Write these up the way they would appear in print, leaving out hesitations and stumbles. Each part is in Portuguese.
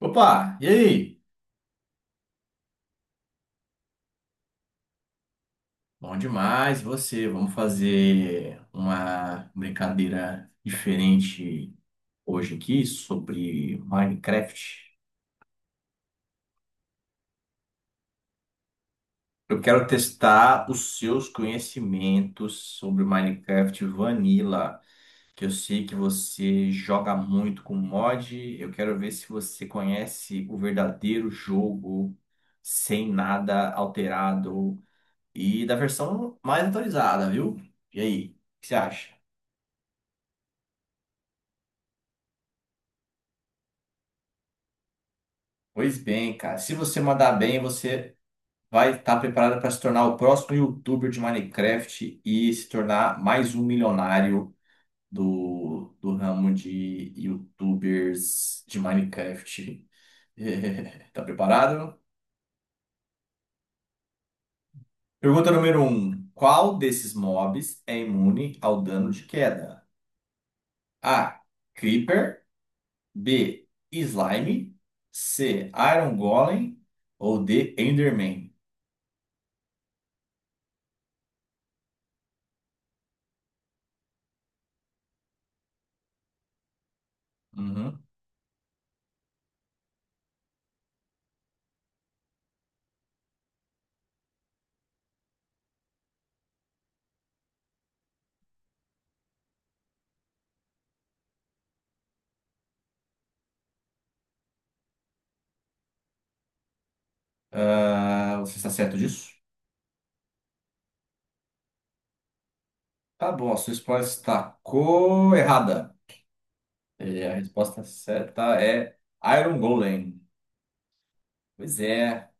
Opa, e aí? Bom demais você. Vamos fazer uma brincadeira diferente hoje aqui sobre Minecraft. Eu quero testar os seus conhecimentos sobre Minecraft Vanilla, que eu sei que você joga muito com mod. Eu quero ver se você conhece o verdadeiro jogo sem nada alterado e da versão mais atualizada, viu? E aí, o que você acha? Pois bem, cara. Se você mandar bem, você vai estar preparado para se tornar o próximo YouTuber de Minecraft e se tornar mais um milionário do ramo de YouTubers de Minecraft. Tá preparado? Pergunta número um. Qual desses mobs é imune ao dano de queda? A. Creeper. B. Slime. C. Iron Golem. Ou D. Enderman? Uhum. Ah, você está certo disso? Tá bom, a sua resposta está errada. E a resposta certa é Iron Golem. Pois é,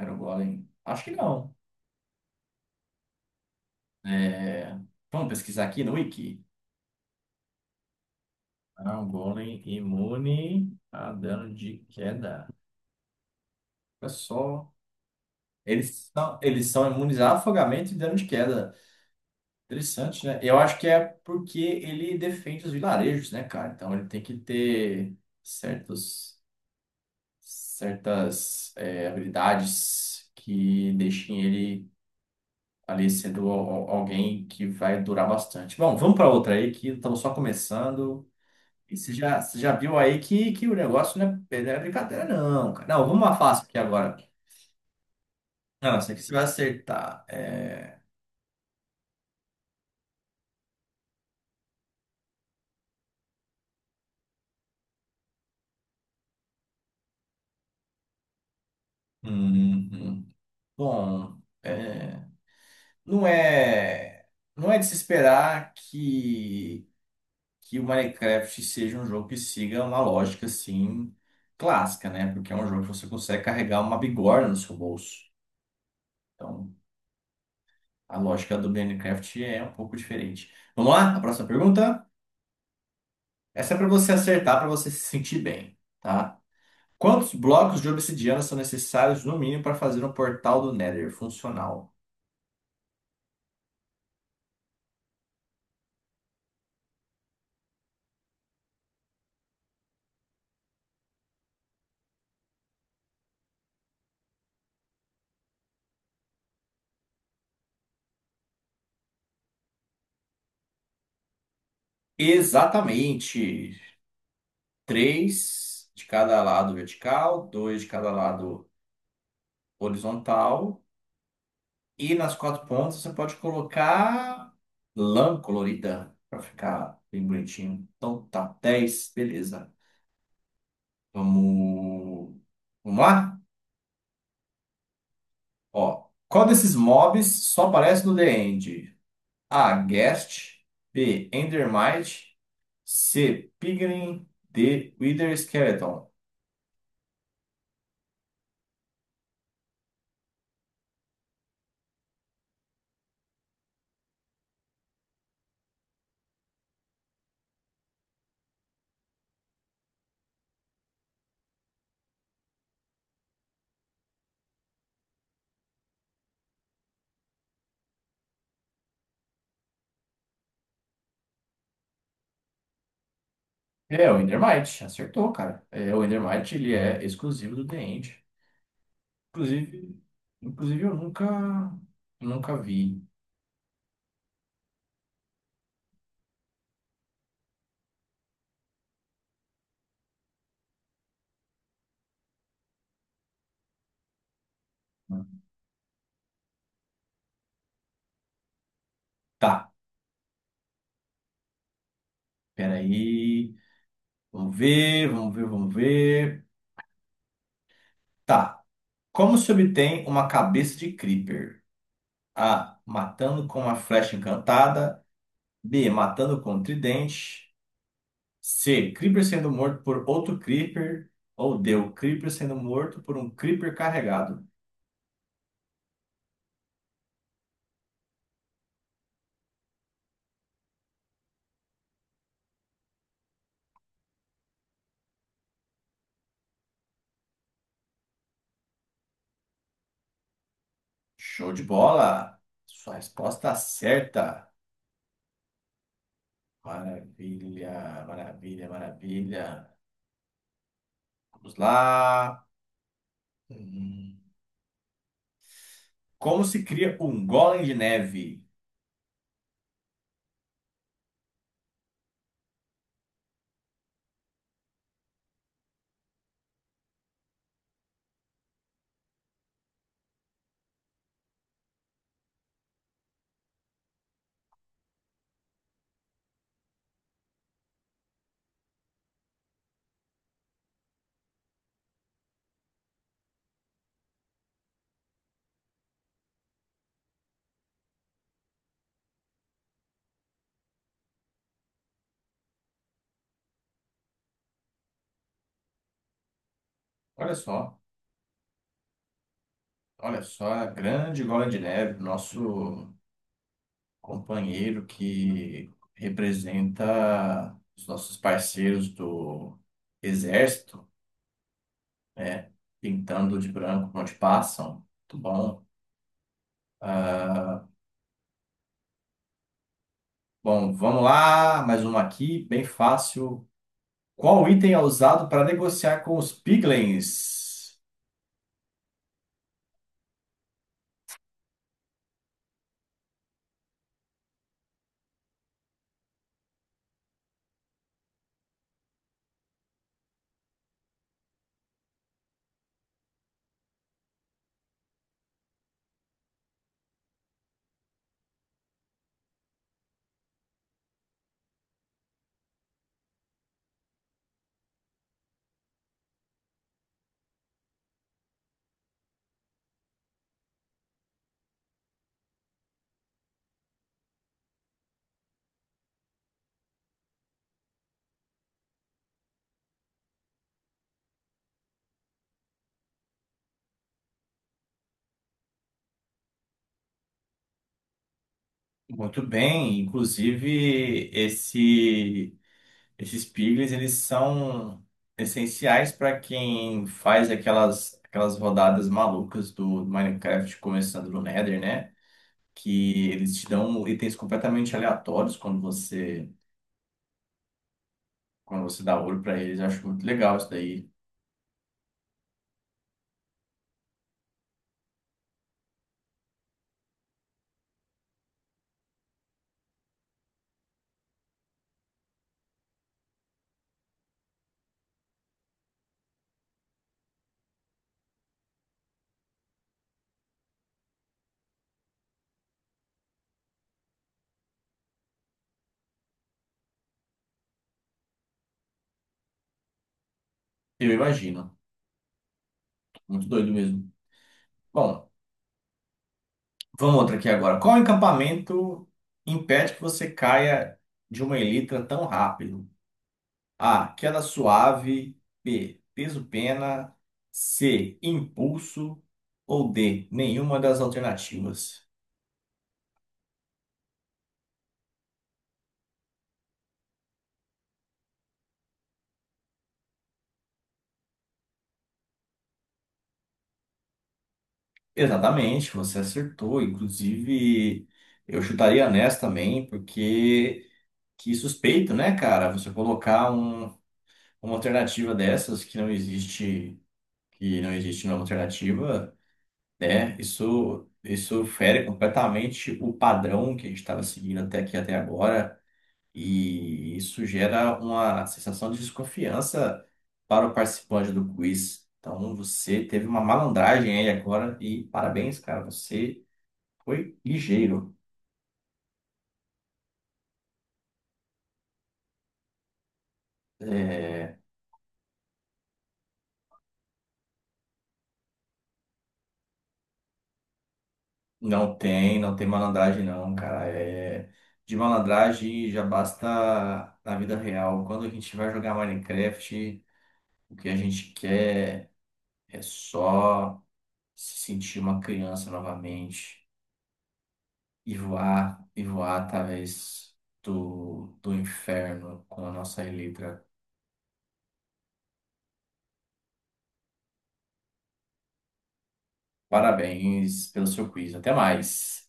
Iron Golem. Acho que não. É, vamos pesquisar aqui no Wiki. Iron Golem imune a dano de queda. Olha só. Eles são imunes a afogamento e dano de queda. Interessante, né? Eu acho que é porque ele defende os vilarejos, né, cara? Então ele tem que ter certos. Certas habilidades que deixem ele ali sendo alguém que vai durar bastante. Bom, vamos para outra aí que estamos só começando. E você já viu aí que o negócio não é, não é brincadeira, não, cara. Não, vamos uma fácil aqui agora. Não, essa aqui você vai acertar. Hum, hum. Hum. Bom, é, não é, não é de se esperar que o Minecraft seja um jogo que siga uma lógica assim clássica, né? Porque é um jogo que você consegue carregar uma bigorna no seu bolso. Então, a lógica do Minecraft é um pouco diferente. Vamos lá? A próxima pergunta? Essa é para você acertar, para você se sentir bem, tá? Quantos blocos de obsidiana são necessários no mínimo para fazer um portal do Nether funcional? Exatamente. Três de cada lado vertical, dois de cada lado horizontal. E nas quatro pontas você pode colocar lã colorida para ficar bem bonitinho. Então tá, 10, beleza. Vamos, vamos lá? Ó, qual desses mobs só aparece no The End? A. Guest. B. Endermite. C. Piglin. D. Wither Skeleton. É o Endermite, acertou, cara. É, o Endermite ele é exclusivo do The End. Inclusive, inclusive eu nunca, nunca vi. Né? Tá. Peraí. Vamos ver, vamos ver, vamos ver. Tá. Como se obtém uma cabeça de Creeper? A. Matando com a flecha encantada. B. Matando com o tridente. C. Creeper sendo morto por outro Creeper. Ou D. O Creeper sendo morto por um Creeper carregado. Show de bola! Sua resposta certa. Maravilha, maravilha, maravilha. Vamos lá. Hum. Como se cria um golem de neve? Olha só, olha só é a grande Gola de Neve, nosso companheiro que representa os nossos parceiros do Exército, né? Pintando de branco onde passam. Muito bom. Ah, bom, vamos lá, mais uma aqui, bem fácil. Qual item é usado para negociar com os Piglins? Muito bem, inclusive esse. Esses piglins, eles são essenciais para quem faz aquelas, aquelas rodadas malucas do Minecraft, começando no Nether, né? Que eles te dão itens completamente aleatórios quando você dá ouro para eles. Eu acho muito legal isso daí. Eu imagino. Muito doido mesmo. Bom, vamos outra aqui agora. Qual encampamento impede que você caia de uma elytra tão rápido? A. Queda suave. B. Peso-pena. C. Impulso. Ou D. Nenhuma das alternativas. Exatamente, você acertou. Inclusive, eu chutaria nessa também, porque que suspeito, né, cara? Você colocar uma alternativa dessas que não existe nenhuma alternativa, né? Isso fere completamente o padrão que a gente estava seguindo até aqui, até agora. E isso gera uma sensação de desconfiança para o participante do quiz. Então você teve uma malandragem aí agora e parabéns, cara. Você foi ligeiro. É, não tem, não tem malandragem não, cara. É, de malandragem já basta na vida real. Quando a gente vai jogar Minecraft, o que a gente quer é só se sentir uma criança novamente. E voar, e voar através do inferno com a nossa Eletra. Parabéns pelo seu quiz. Até mais.